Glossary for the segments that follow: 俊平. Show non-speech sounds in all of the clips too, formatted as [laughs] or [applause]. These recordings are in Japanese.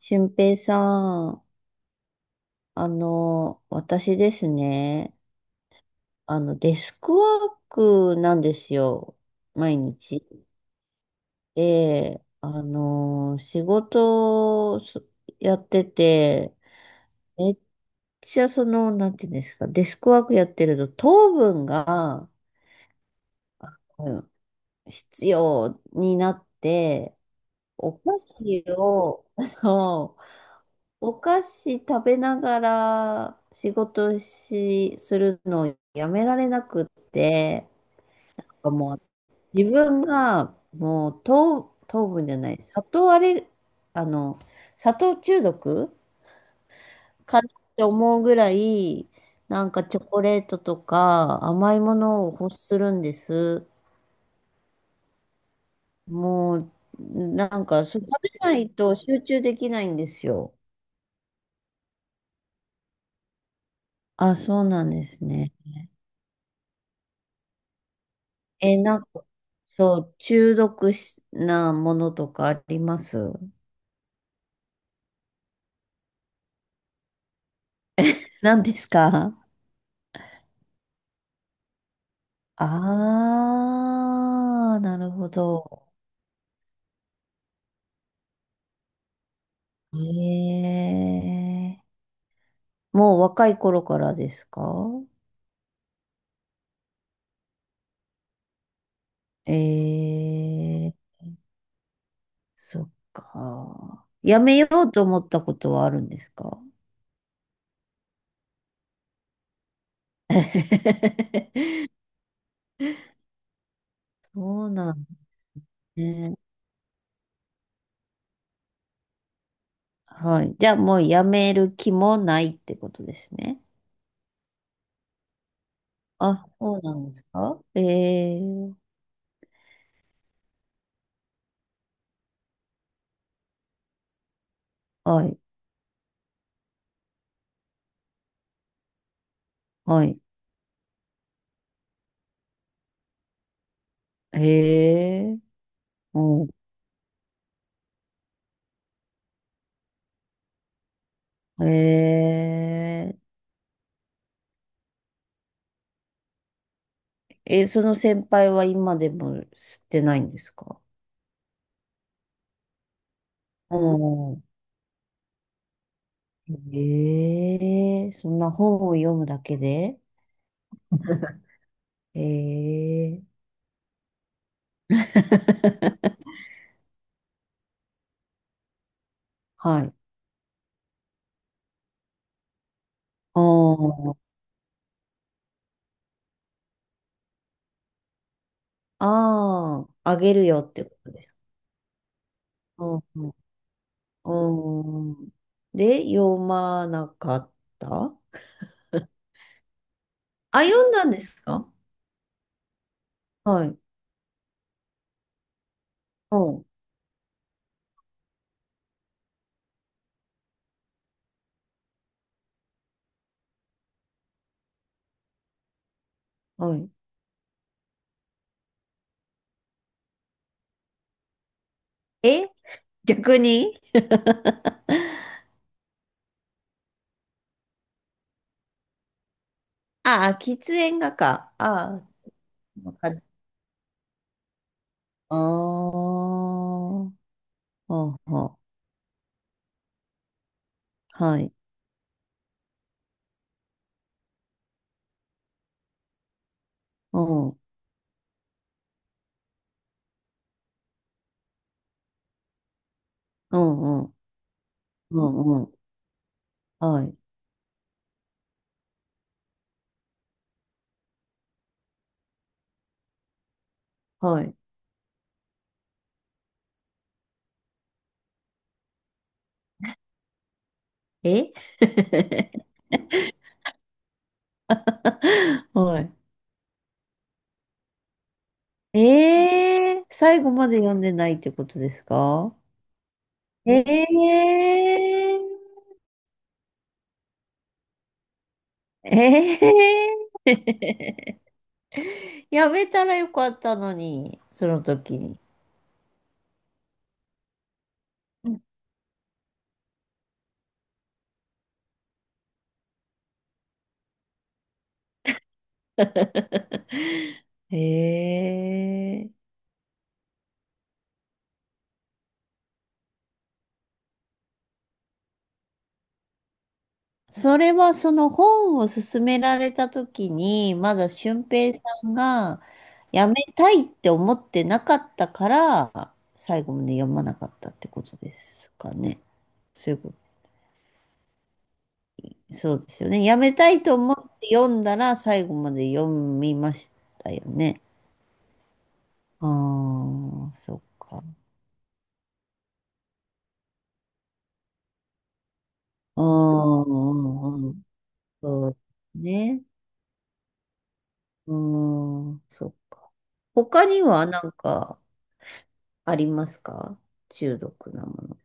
俊平さん、私ですね、デスクワークなんですよ、毎日。で、仕事をやってて、めっちゃその、なんていうんですか、デスクワークやってると、糖分が、うん必要になって、お菓子を、[laughs] そうお菓子食べながら仕事し、するのをやめられなくって、もう自分がもう糖分じゃない、砂糖アレル、あの、砂糖中毒かなって思うぐらい、なんかチョコレートとか甘いものを欲するんです。もう、なんか、そう食べないと集中できないんですよ。あ、そうなんですね。え、なんそう、中毒しなものとかあります？何ですか？ああー、なるほど。ええ、もう若い頃からですか？ええ、そっか。やめようと思ったことはあるんですか？ [laughs] そうなんですね。はい。じゃあもうやめる気もないってことですね。あ、そうなんですか？ええ、はい。はい。へえ。おう、へえ。え、その先輩は今でも知ってないんですか？おう、ええ、そんな本を読むだけで？ええ。[laughs] はい。おう、ああ、あげるよってことです。うん。うん。で、読まなかった？あ、読んだんですか？はい。うん。はい。え、逆に [laughs] ああ、喫煙がか。ああ、わかる。ああ、ほうほう。はい。うん、うん、うん、うん、うん。はい、はい。え [laughs] はい。えー、最後まで読んでないってことですか？えー、えー、[laughs] やめたらよかったのに、その時に。えー。それはその本を勧められた時に、まだ俊平さんがやめたいって思ってなかったから、最後まで読まなかったってことですかね。そういうこと、そうですよね。やめたいと思って読んだら、最後まで読みましたよね。ああ、そっか。うん、うんうん、そうね。うん、そっか。他には何かありますか？中毒なもの。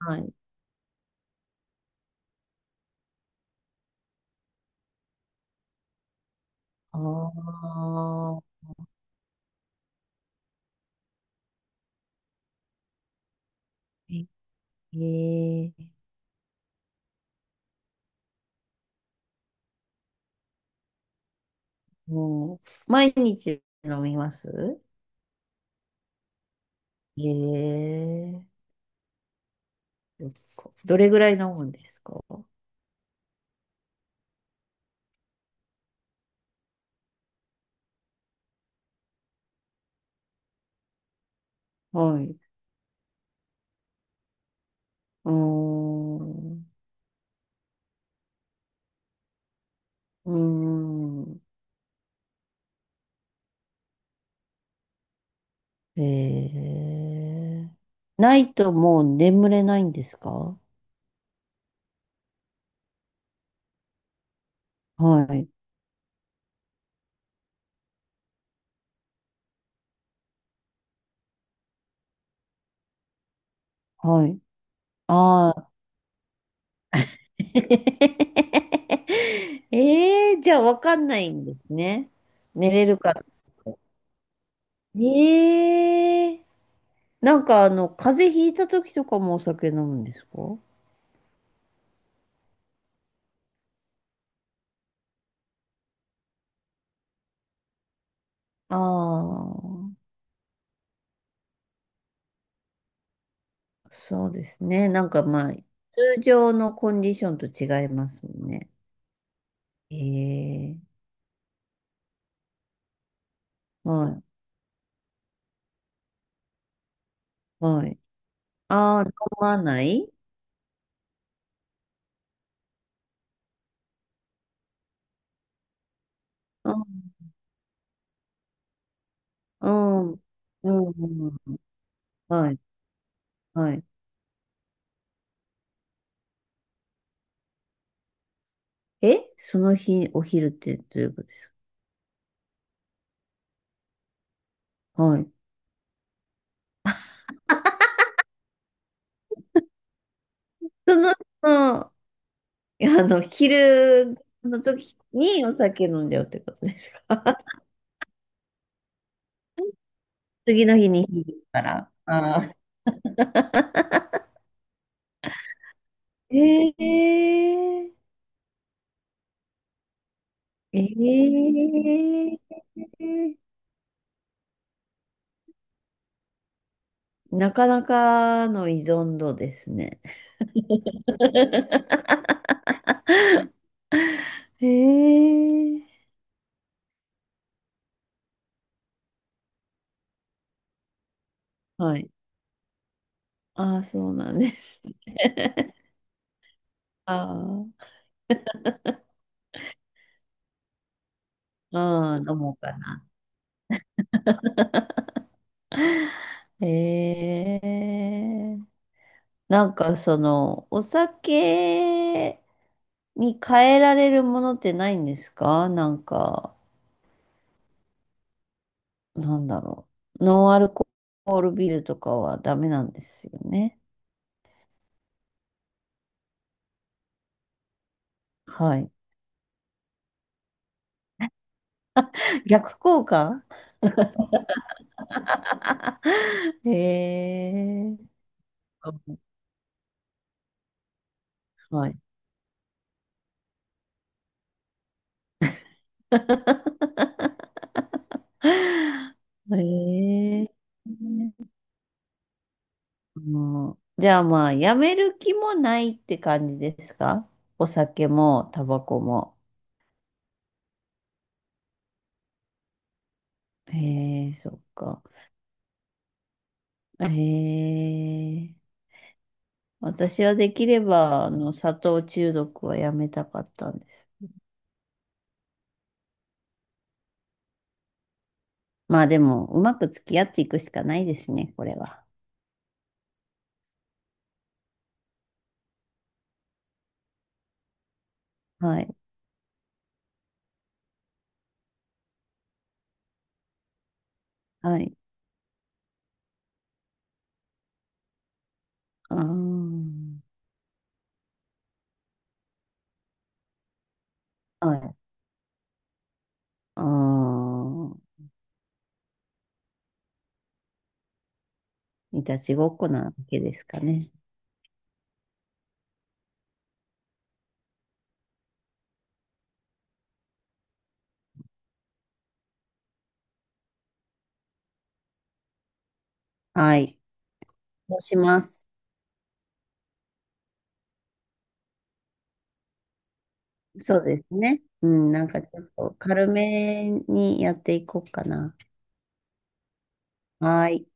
はい。ああ、ええ、もう、毎日飲みます？ええ、そっか、どれぐらい飲むんですか？はい。うーん。うーん。ええ、ないともう眠れないんですか？はい。はい。ああ。[laughs] ええ、じゃあわかんないんですね。寝れるか。ええ、なんか風邪ひいた時とかもお酒飲むんですか？ああー、そうですね。なんかまあ、通常のコンディションと違いますもんね。ええ、はい、はい。ああ、飲まない？うん、うん、うん、うん、はい、はい。え、その日、お昼ってどういうことですか？はい。その、その、昼の時にお酒飲んじゃうってことですか？ [laughs] 次の日に響くから。ああ。ええ、ええ、なかなかの依存度ですね。[laughs] ええ、はい。ああ、そうなんです。ああ、ああ、飲もうかな。ええ、なんかその、お酒に変えられるものってないんですか？なんか、なんだろう。ノンアルコールビールとかはダメなんですよね。はい。逆効果？ [laughs] ええ、はい。[laughs] ええー。じゃあまあ、やめる気もないって感じですか？お酒も、タバコも。へえ、そっか。ええ、私はできれば、砂糖中毒はやめたかったんです。まあでも、うまく付き合っていくしかないですね、これは。はい。はい。あー、はい。ああ、いたちごっこなわけですかね。はい。そうします。そうですね。うん、なんかちょっと軽めにやっていこうかな。はい。